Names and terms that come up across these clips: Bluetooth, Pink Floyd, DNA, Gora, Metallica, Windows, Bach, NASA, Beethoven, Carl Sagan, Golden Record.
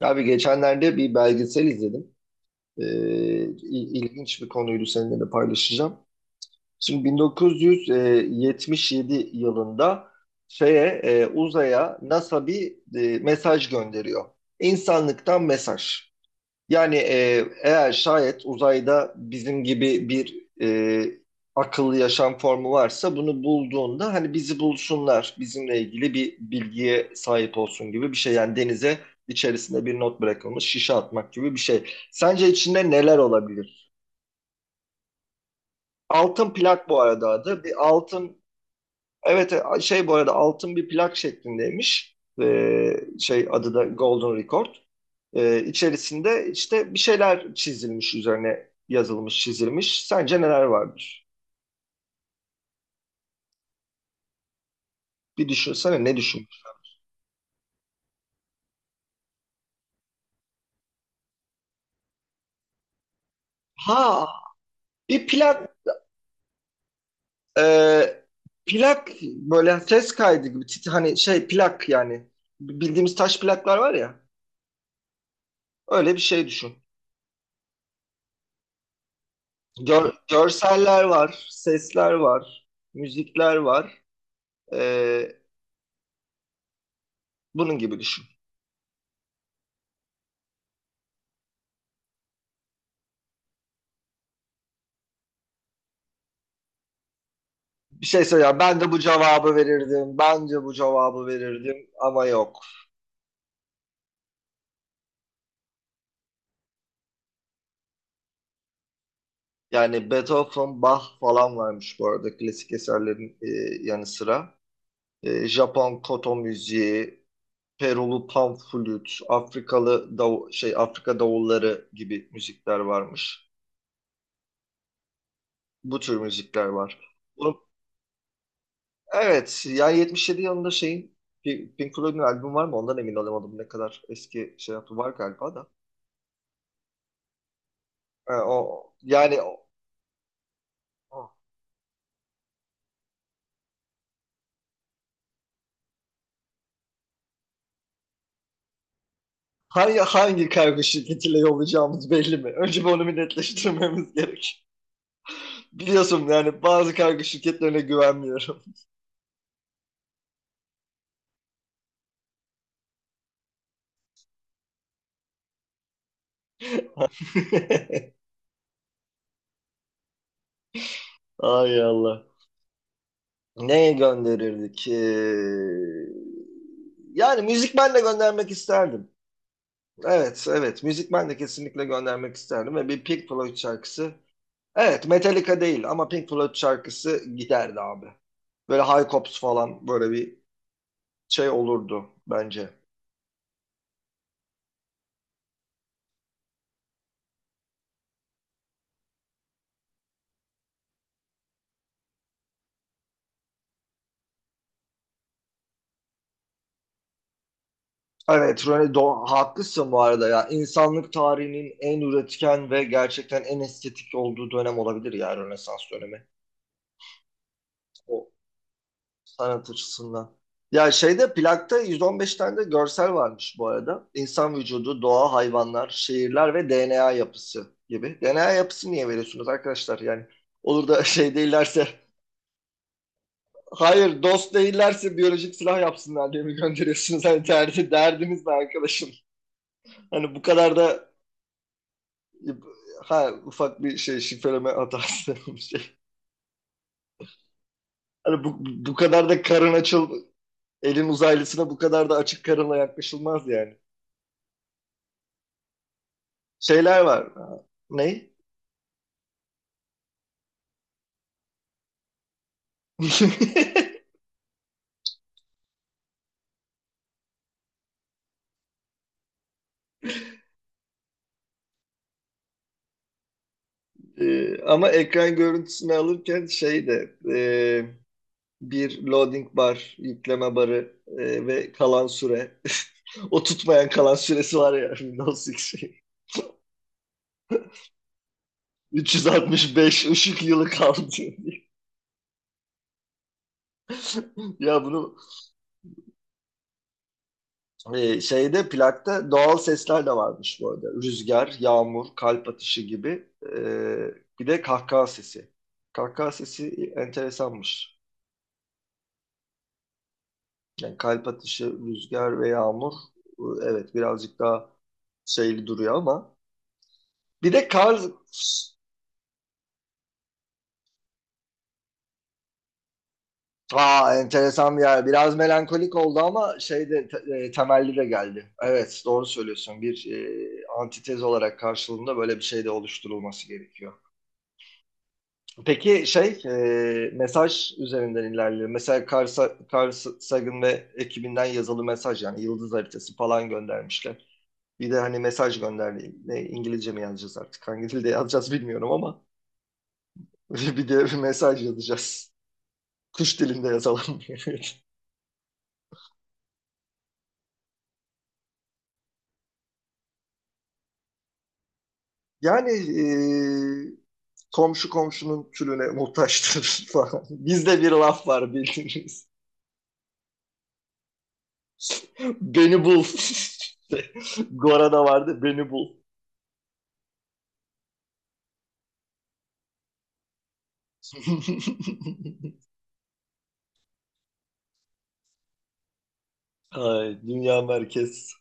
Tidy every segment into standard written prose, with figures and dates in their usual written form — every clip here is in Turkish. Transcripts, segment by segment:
Abi geçenlerde bir belgesel izledim. Ee, ilginç bir konuydu seninle de paylaşacağım. Şimdi 1977 yılında uzaya NASA bir mesaj gönderiyor. İnsanlıktan mesaj. Yani eğer şayet uzayda bizim gibi bir akıllı yaşam formu varsa bunu bulduğunda hani bizi bulsunlar, bizimle ilgili bir bilgiye sahip olsun gibi bir şey. Yani denize içerisinde bir not bırakılmış şişe atmak gibi bir şey. Sence içinde neler olabilir? Altın plak bu arada adı. Bir altın, evet, bu arada altın bir plak şeklindeymiş. Adı da Golden Record. İçerisinde işte bir şeyler çizilmiş, üzerine yazılmış çizilmiş. Sence neler vardır? Bir düşünsene, ne düşünmüş? Ha, bir plak, e, plak böyle ses kaydı gibi, hani şey plak yani, bildiğimiz taş plaklar var ya, öyle bir şey düşün. Görseller var, sesler var, müzikler var. Ee, Bunun gibi düşün. Bir şey söyle ya, ben de bu cevabı verirdim, bence bu cevabı verirdim ama yok. Yani Beethoven, Bach falan varmış bu arada klasik eserlerin yanı sıra. Japon koto müziği, Perulu panflüt, Afrika davulları gibi müzikler varmış. Bu tür müzikler var. Bunu- evet, yani 77 yılında Pink Floyd'un albüm var mı? Ondan emin olamadım, ne kadar eski şey yaptı, var galiba da. O yani o- hangi kargo şirketiyle yollayacağımız belli mi? Önce bir onu bir netleştirmemiz gerek. Biliyorsun yani bazı kargo şirketlerine güvenmiyorum. Ay Allah. Neye gönderirdik? Yani müzikmenle göndermek isterdim. Evet, evet. Müzikmenle kesinlikle göndermek isterdim. Ve bir Pink Floyd şarkısı. Evet, Metallica değil ama Pink Floyd şarkısı giderdi abi. Böyle High Hopes falan böyle bir şey olurdu bence. Evet, haklısın bu arada ya. İnsanlık tarihinin en üretken ve gerçekten en estetik olduğu dönem olabilir ya, Rönesans dönemi. O, sanat açısından. Ya plakta 115 tane de görsel varmış bu arada. İnsan vücudu, doğa, hayvanlar, şehirler ve DNA yapısı gibi. DNA yapısı niye veriyorsunuz arkadaşlar? Yani olur da değillerse, hayır, dost değillerse biyolojik silah yapsınlar diye mi gönderiyorsunuz? Hani derdiniz ne arkadaşım? Hani bu kadar da. Ha, ufak bir şey şifreleme hatası, bir şey. Hani bu kadar da karın açıl elin uzaylısına bu kadar da açık karınla yaklaşılmaz yani. Şeyler var. Ha, ne? Ama ekran görüntüsünü alırken bir loading bar, yükleme barı ve kalan süre. O tutmayan kalan süresi var ya, Windows X. 365 ışık yılı kaldı. Ya bunu. Şeyde Plakta doğal sesler de varmış bu arada. Rüzgar, yağmur, kalp atışı gibi. Bir de kahkaha sesi. Kahkaha sesi enteresanmış. Yani kalp atışı, rüzgar ve yağmur evet, birazcık daha şeyli duruyor ama. Bir de kar. Aa, enteresan bir yer. Biraz melankolik oldu ama temelli de geldi. Evet, doğru söylüyorsun. Bir antitez olarak karşılığında böyle bir şey de oluşturulması gerekiyor. Peki mesaj üzerinden ilerliyor. Mesela Carl Sagan ve ekibinden yazılı mesaj, yani yıldız haritası falan göndermişler. Bir de hani mesaj gönderdi. Ne, İngilizce mi yazacağız artık? Hangi dilde yazacağız bilmiyorum ama bir de bir mesaj yazacağız. Kuş dilinde yazalım. Yani e, komşu komşunun külüne muhtaçtır falan. Bizde bir laf var bildiğiniz. Beni bul. Gora'da vardı, beni bul. Ay, dünya merkez.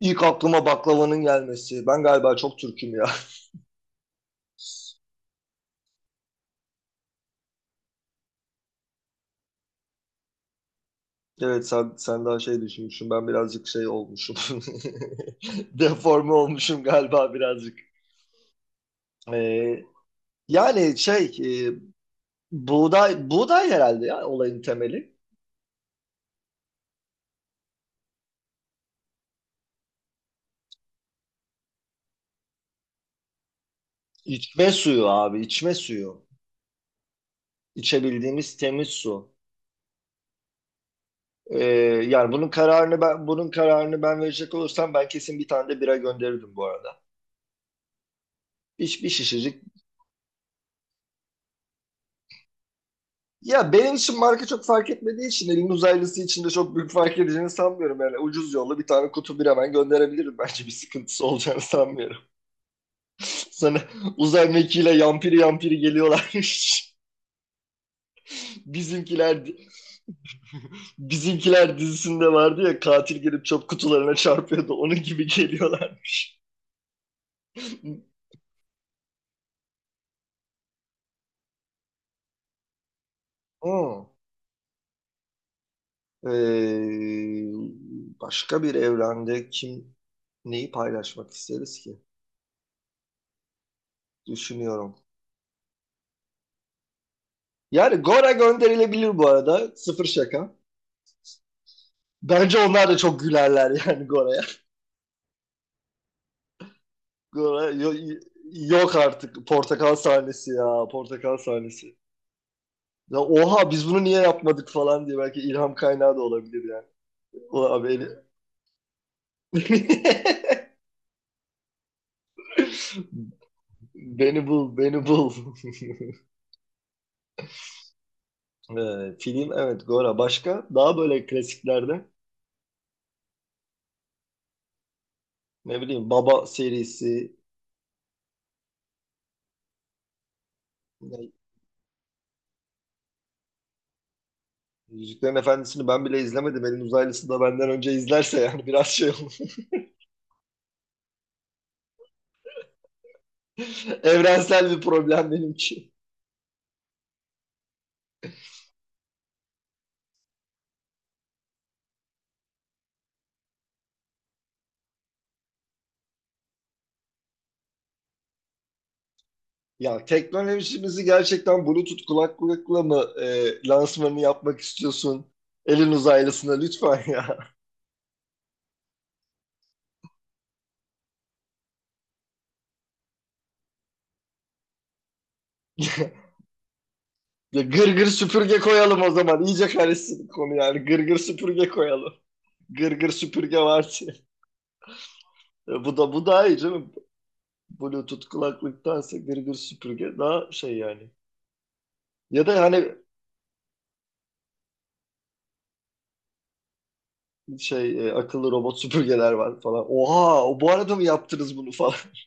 İlk aklıma baklavanın gelmesi. Ben galiba çok Türk'üm ya. Evet, sen daha şey düşünmüşsün. Ben birazcık şey olmuşum. Deforme olmuşum galiba birazcık. Ee, Yani e, buğday, buğday herhalde ya olayın temeli. İçme suyu abi, içme suyu. İçebildiğimiz temiz su. Ee, Yani bunun kararını ben verecek olursam ben kesin bir tane de bira gönderirdim bu arada. Bir şişecik. Ya benim için marka çok fark etmediği için elin uzaylısı için de çok büyük fark edeceğini sanmıyorum. Yani ucuz yolla bir tane kutu bir hemen gönderebilirim. Bence bir sıkıntısı olacağını sanmıyorum. Sana uzay mekiğiyle yampiri yampiri geliyorlarmış. Bizimkiler Bizimkiler dizisinde vardı ya, katil gelip çöp kutularına çarpıyordu. Onun gibi geliyorlar. Hmm. Ee, Başka bir evrende kim neyi paylaşmak isteriz ki? Düşünüyorum. Yani Gora gönderilebilir bu arada. Sıfır şaka. Bence onlar da çok gülerler yani Gora'ya. Gora, yok artık. Portakal sahnesi ya. Portakal sahnesi. Ya oha, biz bunu niye yapmadık falan diye belki ilham kaynağı da olabilir yani. Oha beni. Beni bul, beni bul. Film, evet, Gora. Başka daha böyle klasiklerde ne bileyim, Baba serisi, Yüzüklerin Efendisi'ni ben bile izlemedim. Elin uzaylısı da benden önce izlerse yani biraz şey olur. Evrensel bir problem benimki. Ya teknolojimizi gerçekten Bluetooth kulaklıkla mı lansmanını yapmak istiyorsun? Elin uzaylısına lütfen ya. Ya gır gır süpürge koyalım o zaman. İyice karışsın konu yani. Gır gır süpürge koyalım. Gır gır süpürge var diye. Bu daha iyi canım. Bluetooth kulaklıktansa gır gır süpürge daha şey yani. Ya da hani akıllı robot süpürgeler var falan. Oha, o bu arada mı yaptınız bunu falan.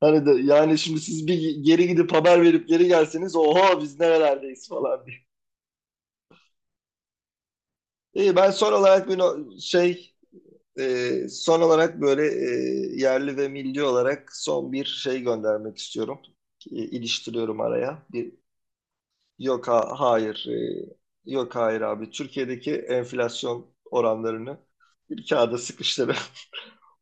Hani de yani şimdi siz bir geri gidip haber verip geri gelseniz oha biz nerelerdeyiz falan diye. İyi, ben son olarak bir no- şey e, son olarak böyle yerli ve milli olarak son bir şey göndermek istiyorum. İliştiriyorum araya. Yok, ha, hayır, yok, hayır abi, Türkiye'deki enflasyon oranlarını bir kağıda sıkıştırın.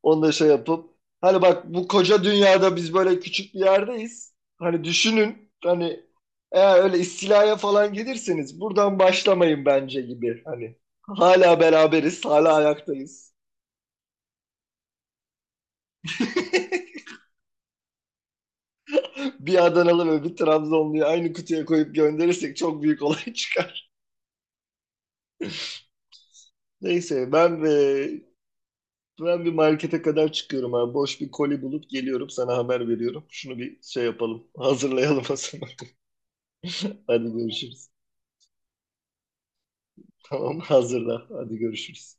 Onu da şey yapıp, hani bak, bu koca dünyada biz böyle küçük bir yerdeyiz. Hani düşünün, hani eğer öyle istilaya falan gelirseniz buradan başlamayın bence gibi. Hani hala beraberiz, hala ayaktayız. Bir Adanalı ve bir Trabzonluyu aynı kutuya koyup gönderirsek çok büyük olay çıkar. Neyse, ben bir markete kadar çıkıyorum abi. Boş bir koli bulup geliyorum, sana haber veriyorum. Şunu bir şey yapalım. Hazırlayalım o zaman. Hadi görüşürüz. Tamam, hazırla. Hadi görüşürüz.